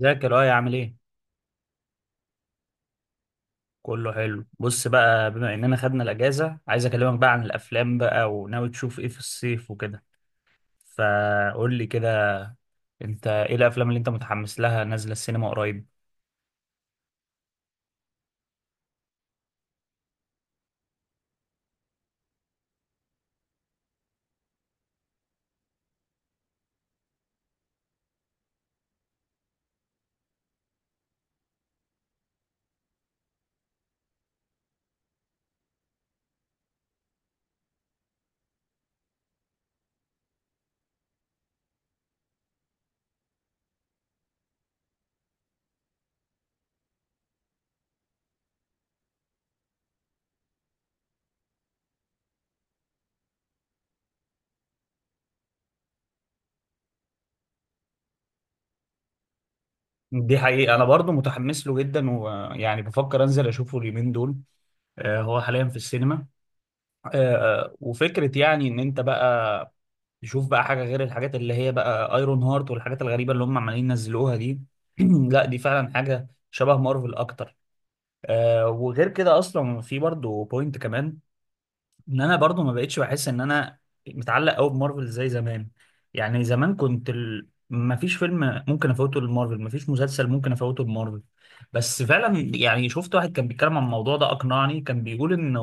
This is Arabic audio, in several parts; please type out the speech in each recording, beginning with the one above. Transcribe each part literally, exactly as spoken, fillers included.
ازيك يا لؤي؟ عامل ايه؟ كله حلو. بص بقى، بما اننا خدنا الاجازه، عايز اكلمك بقى عن الافلام بقى، وناوي تشوف ايه في الصيف وكده. فقول لي كده، انت ايه الافلام اللي انت متحمس لها نازله السينما قريب؟ دي حقيقه انا برضو متحمس له جدا، ويعني بفكر انزل اشوفه اليومين دول. آه، هو حاليا في السينما. آه، آه، وفكرة يعني ان انت بقى تشوف بقى حاجة غير الحاجات اللي هي بقى ايرون هارت والحاجات الغريبة اللي هم عمالين ينزلوها دي. لا، دي فعلا حاجة شبه مارفل اكتر. آه، وغير كده اصلا في برضو بوينت كمان، ان انا برضو ما بقتش بحس ان انا متعلق قوي بمارفل زي زمان. يعني زمان كنت ال... ما فيش فيلم ممكن افوته لمارفل، ما فيش مسلسل ممكن افوته لمارفل. بس فعلا يعني شفت واحد كان بيتكلم عن الموضوع ده، اقنعني. كان بيقول انه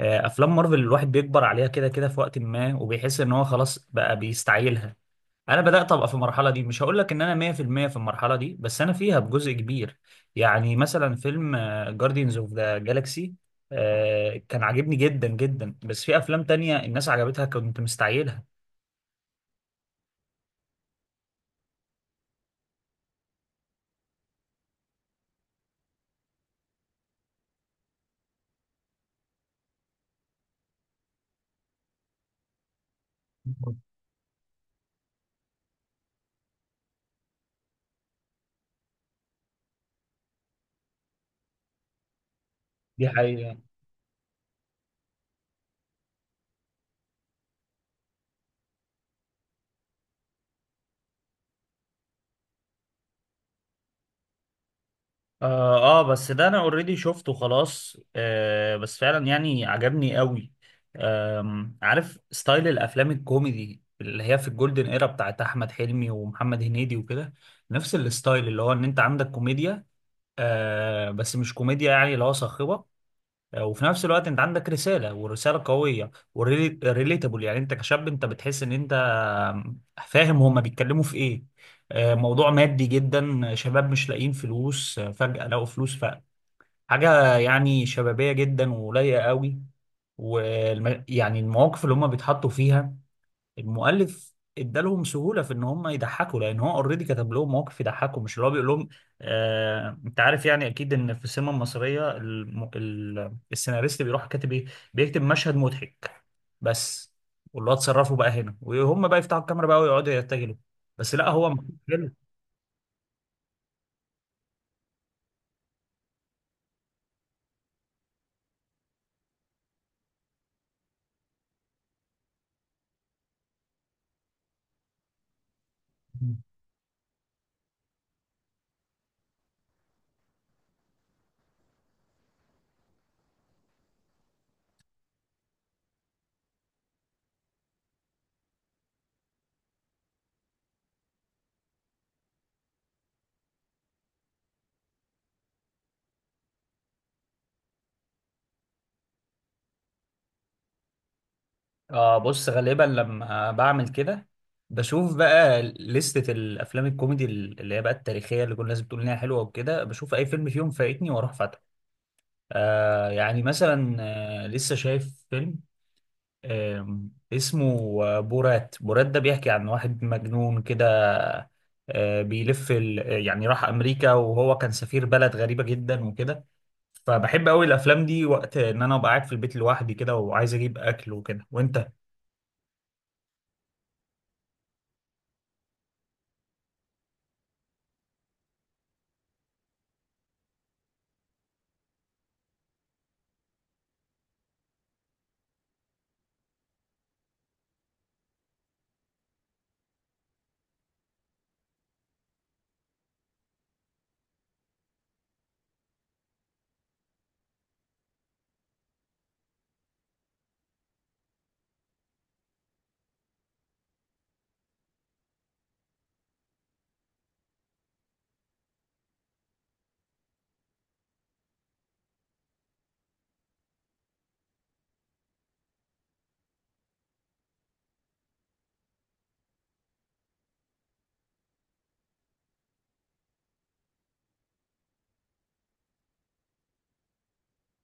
آه، افلام مارفل الواحد بيكبر عليها كده كده في وقت ما، وبيحس ان هو خلاص بقى بيستعيلها. انا بدات ابقى في المرحله دي. مش هقول لك ان انا مية في المية في المية في المرحله دي، بس انا فيها بجزء كبير. يعني مثلا فيلم جاردينز اوف ذا جالاكسي كان عاجبني جدا جدا، بس في افلام تانية الناس عجبتها كنت مستعجلها. دي حقيقة. آه, اه بس ده انا اوريدي شفته خلاص. آه، بس فعلا يعني عجبني قوي. آم، عارف ستايل الافلام الكوميدي اللي هي في الجولدن ايرا بتاعت احمد حلمي ومحمد هنيدي وكده؟ نفس الستايل اللي هو ان انت عندك كوميديا، آه، بس مش كوميديا يعني اللي هو صاخبه. آه، وفي نفس الوقت انت عندك رساله، ورساله قويه وريليتابل. يعني انت كشاب انت بتحس ان انت فاهم هما بيتكلموا في ايه. آه، موضوع مادي جدا، شباب مش لاقيين فلوس، آه، فجاه لقوا فلوس. فحاجه يعني شبابيه جدا ولايقه قوي. ويعني المواقف اللي هما بيتحطوا فيها، المؤلف ادالهم سهوله في ان هم يضحكوا، لان هو اوريدي كتب لهم مواقف يضحكوا، مش اللي هو بيقول لهم. آه، انت عارف يعني اكيد ان في السينما المصريه الم... ال... السيناريست بيروح كاتب ايه؟ بيكتب مشهد مضحك بس، واللي هو اتصرفوا بقى هنا وهم بقى يفتحوا الكاميرا بقى ويقعدوا يرتجلوا. بس لا، هو مكتوب حلو. اه، بص، غالبا لما بعمل كده بشوف بقى لستة الافلام الكوميدي اللي هي بقى التاريخيه اللي كل الناس بتقول انها حلوه وكده، بشوف اي فيلم فيهم فايتني واروح. آه، يعني مثلا آه لسه شايف فيلم آه اسمه آه، بورات. بورات ده بيحكي عن واحد مجنون كده. آه بيلف ال... يعني راح أمريكا وهو كان سفير بلد غريبة جدا وكده. فبحب أوي الأفلام دي وقت إن أنا أبقى قاعد في البيت لوحدي كده، وعايز أجيب أكل وكده. وأنت؟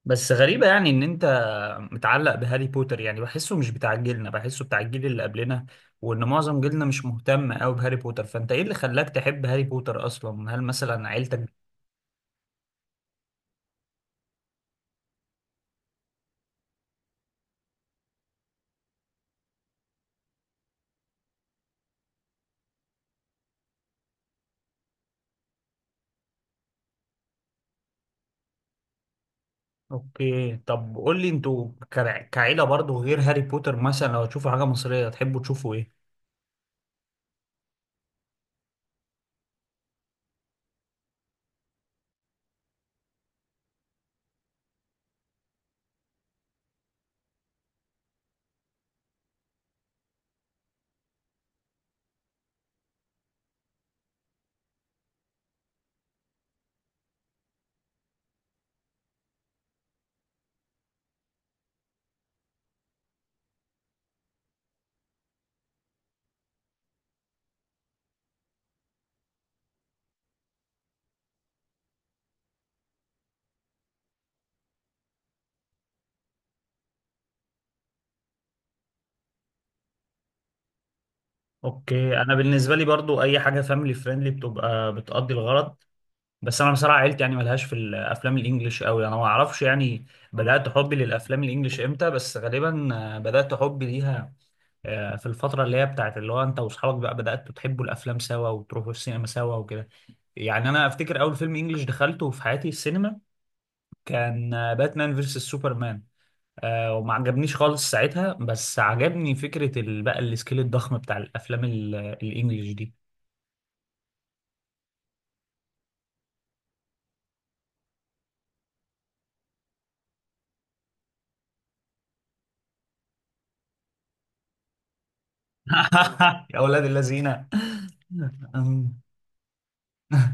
بس غريبة يعني إن أنت متعلق بهاري بوتر، يعني بحسه مش بتاع جيلنا، بحسه بتاع الجيل اللي قبلنا. وإن معظم جيلنا مش مهتم أوي بهاري بوتر. فأنت إيه اللي خلاك تحب هاري بوتر أصلا؟ هل مثلا عيلتك؟ أوكي، طب قول لي، أنتوا كع- كعيلة برضو غير هاري بوتر، مثلا لو تشوفوا حاجة مصرية تحبوا تشوفوا إيه؟ أوكي، أنا بالنسبة لي برضو أي حاجة فاميلي فريندلي بتبقى بتقضي الغرض. بس انا بصراحه عيلتي يعني ملهاش في الافلام الانجليش قوي. انا ما اعرفش يعني بدات حبي للافلام الانجليش امتى، بس غالبا آه، بدات حبي ليها آه، في الفتره اللي هي بتاعت اللي هو انت واصحابك بقى بداتوا تحبوا الافلام سوا وتروحوا السينما سوا وكده. يعني انا افتكر اول فيلم انجليش دخلته في حياتي السينما كان آه، باتمان فيرسس سوبرمان. آه، وما عجبنيش خالص ساعتها، بس عجبني فكره ال- بقى السكيل الضخم بتاع الافلام ال- آه، الانجليش دي. يا اولاد الذين!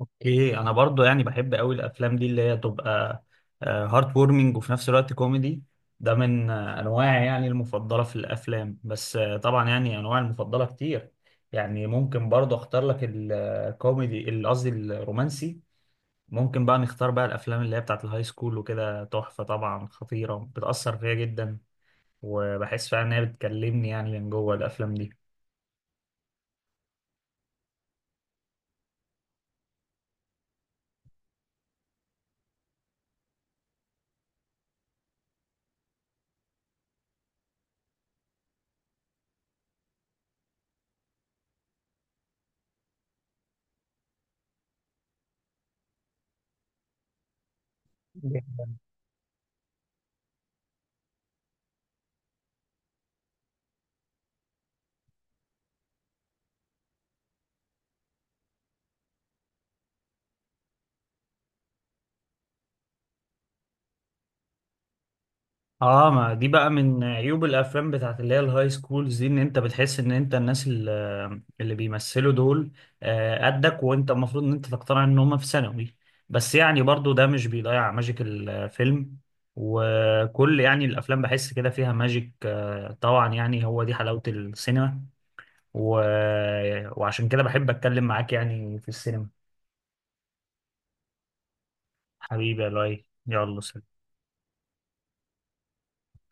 اوكي، انا برضو يعني بحب قوي الافلام دي اللي هي تبقى هارت وورمنج وفي نفس الوقت كوميدي. ده من آه، انواعي يعني المفضله في الافلام، بس آه، طبعا يعني انواع المفضله كتير. يعني ممكن برضو اختار لك الكوميدي ال- قصدي الرومانسي. ممكن بقى نختار بقى الافلام اللي هي بتاعت الهاي سكول وكده، تحفه طبعا، خطيره، بتاثر فيا جدا، وبحس فعلا ان هي بتكلمني يعني من جوه الافلام دي. اه، ما دي بقى من عيوب الافلام بتاعت اللي هي الهاي سكولز دي، ان انت بتحس ان انت الناس اللي, اللي بيمثلوا دول آه، قدك، وانت المفروض ان انت تقتنع ان هم في ثانوي. بس يعني برضو ده مش بيضيع ماجيك الفيلم. وكل يعني الافلام بحس كده فيها ماجيك، آه، طبعا يعني هو دي حلاوة السينما. و... وعشان كده بحب اتكلم معاك يعني في السينما. حبيبي يا لؤي، يلا، سلام.